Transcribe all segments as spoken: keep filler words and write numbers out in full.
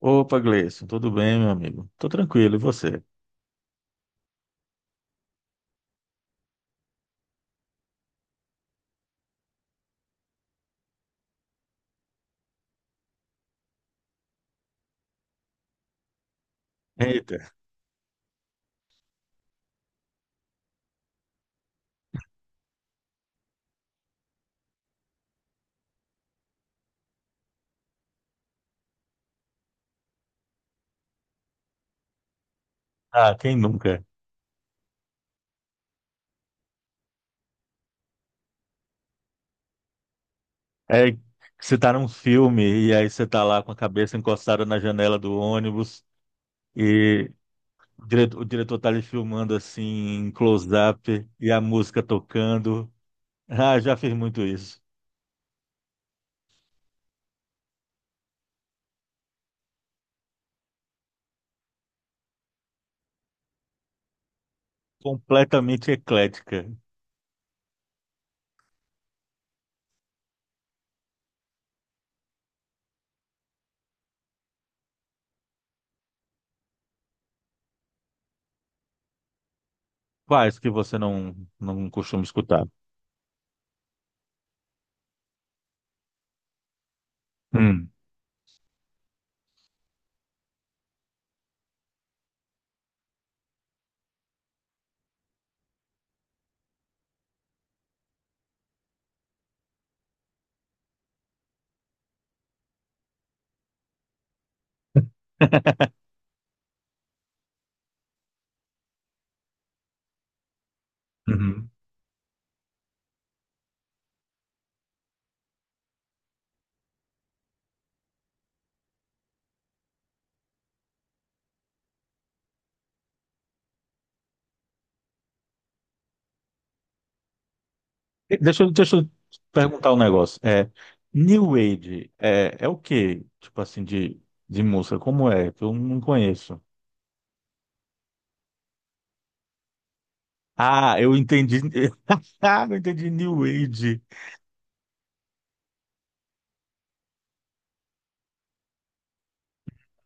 Opa, Gleison, tudo bem, meu amigo? Tô tranquilo, e você? Eita, ah, quem nunca? É, que você tá num filme e aí você tá lá com a cabeça encostada na janela do ônibus e o diretor, o diretor tá lhe filmando assim, em close-up e a música tocando. Ah, já fiz muito isso. Completamente eclética. Quais que você não, não costuma escutar? Hum. Deixa, eu- deixa eu te perguntar um negócio. É, New Age é, é o quê? Tipo assim, de, de música, como é? Que eu não conheço. Ah, eu entendi. Ah, eu entendi New Age.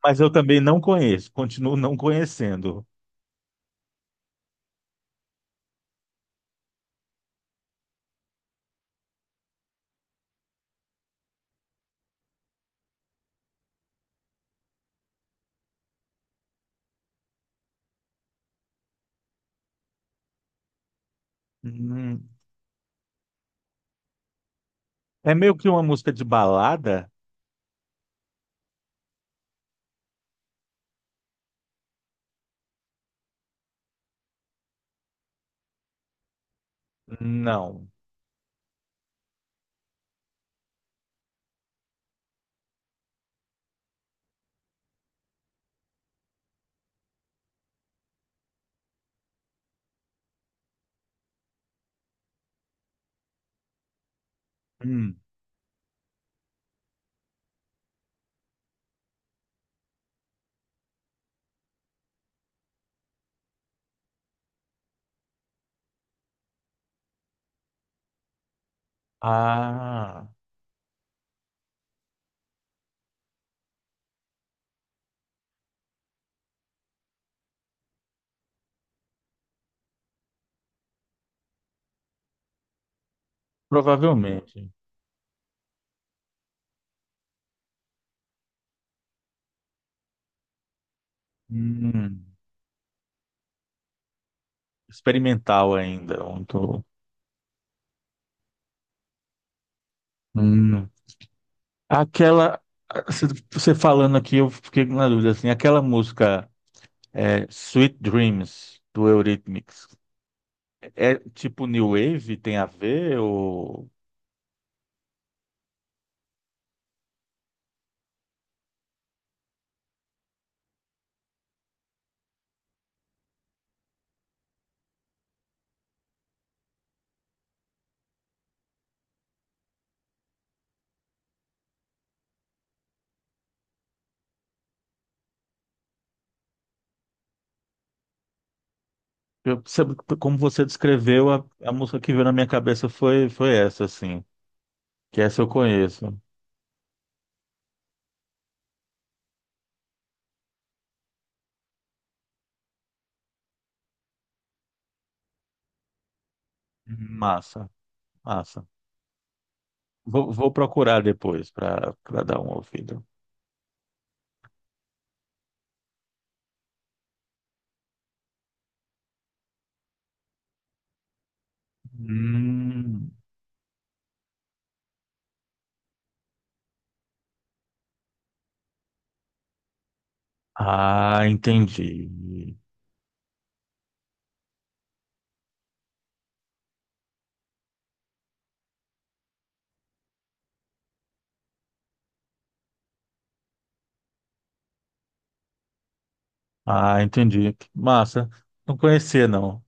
Mas eu também não conheço, continuo não conhecendo. Hum, é meio que uma música de balada? Não. Hum, ah, provavelmente. Hum, experimental ainda. Muito. Aquela, se- você falando aqui, eu fiquei na dúvida, assim, aquela música é, Sweet Dreams, do Eurythmics, é tipo New Wave, tem a ver, ou... Eu, sabe, como você descreveu, a, a música que veio na minha cabeça foi, foi essa, assim, que essa eu conheço. Massa, massa. Vou, vou procurar depois para dar uma ouvida. Hum, ah, entendi. Ah, entendi. Massa. Não conhecia, não.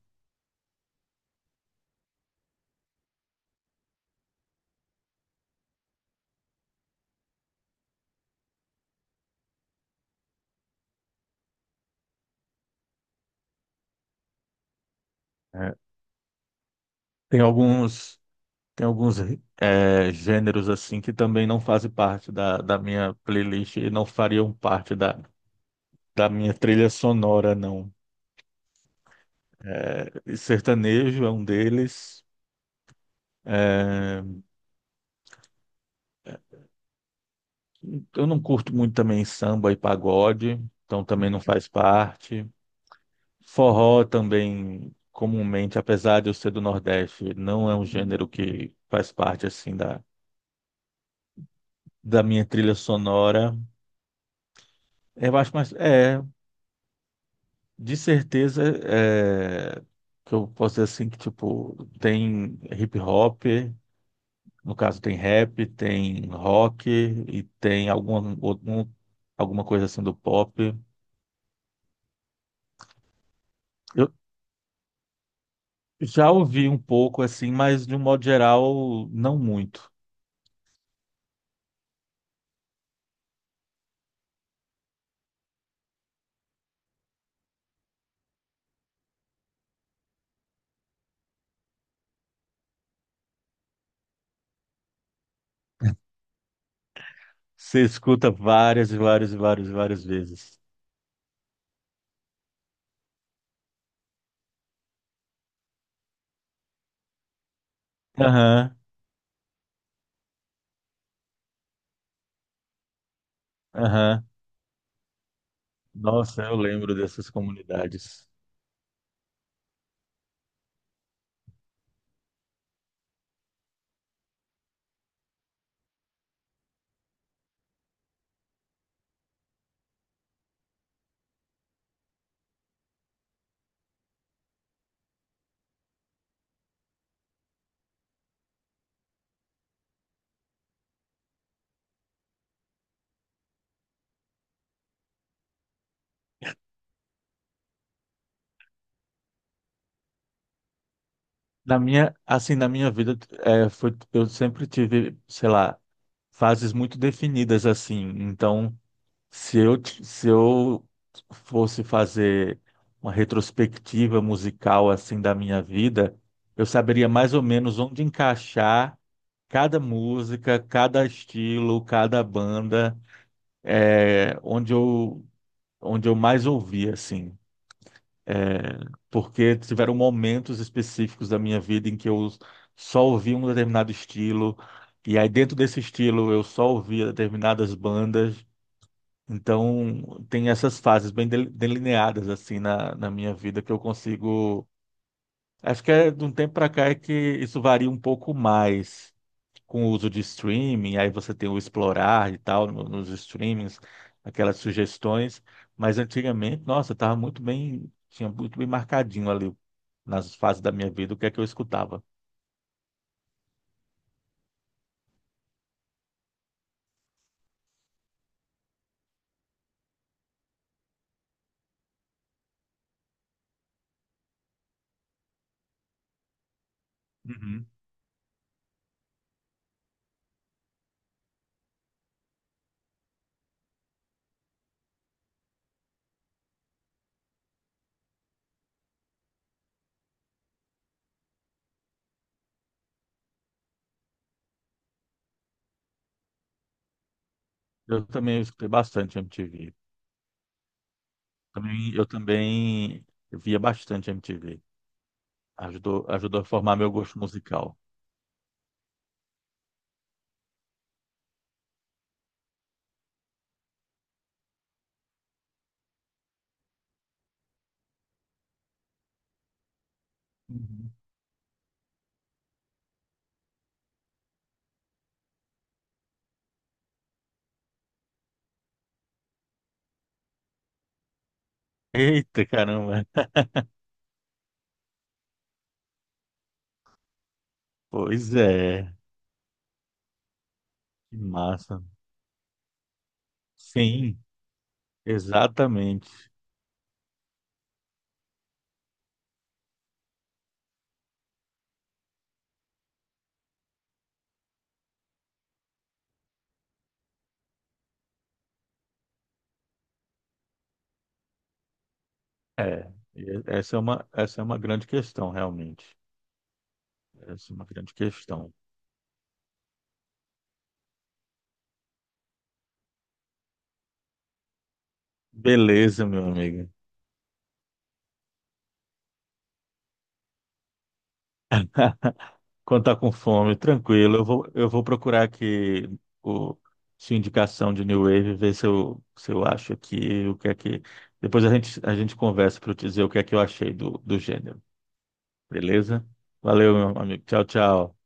É. Tem alguns, tem alguns é, gêneros assim que também não fazem parte da, da minha playlist e não fariam parte da, da minha trilha sonora, não. E sertanejo é um deles. Eu não curto muito também samba e pagode, então também não faz parte. Forró também, comumente, apesar de eu ser do Nordeste, não é um gênero que faz parte assim da, da minha trilha sonora. Eu acho mais. É. De certeza, é, que eu posso dizer assim que tipo tem hip hop, no caso tem rap, tem rock e tem alguma algum, alguma coisa assim do pop. Eu já ouvi um pouco assim, mas de um modo geral não muito. Você escuta várias, e várias, e várias, e várias vezes. Aham, aham. Nossa, eu lembro dessas comunidades. Na minha, assim, na minha vida, é, foi, eu sempre tive, sei lá, fases muito definidas, assim. Então, se eu, t- se eu fosse fazer uma retrospectiva musical, assim, da minha vida, eu saberia mais ou menos onde encaixar cada música, cada estilo, cada banda, é, onde eu, onde eu mais ouvia, assim. Porque tiveram momentos específicos da minha vida em que eu só ouvia um determinado estilo, e aí dentro desse estilo eu só ouvia determinadas bandas. Então, tem essas fases bem del- delineadas assim na, na minha vida que eu consigo. Acho que é de um tempo para cá é que isso varia um pouco mais com o uso de streaming, aí você tem o explorar e tal no- nos streamings, aquelas sugestões, mas antigamente, nossa, estava muito bem, tinha muito bem marcadinho ali nas fases da minha vida o que é que eu escutava. Uhum. Eu também escutei bastante M T V. Também, eu também via bastante M T V. Ajudou, ajudou a formar meu gosto musical. Uhum. Eita, caramba. Pois é, que massa. Sim, exatamente. É, e- essa é uma, essa é uma grande questão, realmente. Essa é uma grande questão. Beleza, meu amigo. Quando tá com fome, tranquilo. Eu vou, eu vou procurar aqui o, sua indicação de New Wave, ver se eu, se eu acho aqui o que é que. Depois a gente, a gente conversa para eu te dizer o que é que eu achei do, do gênero. Beleza? Valeu, meu amigo. Tchau, tchau.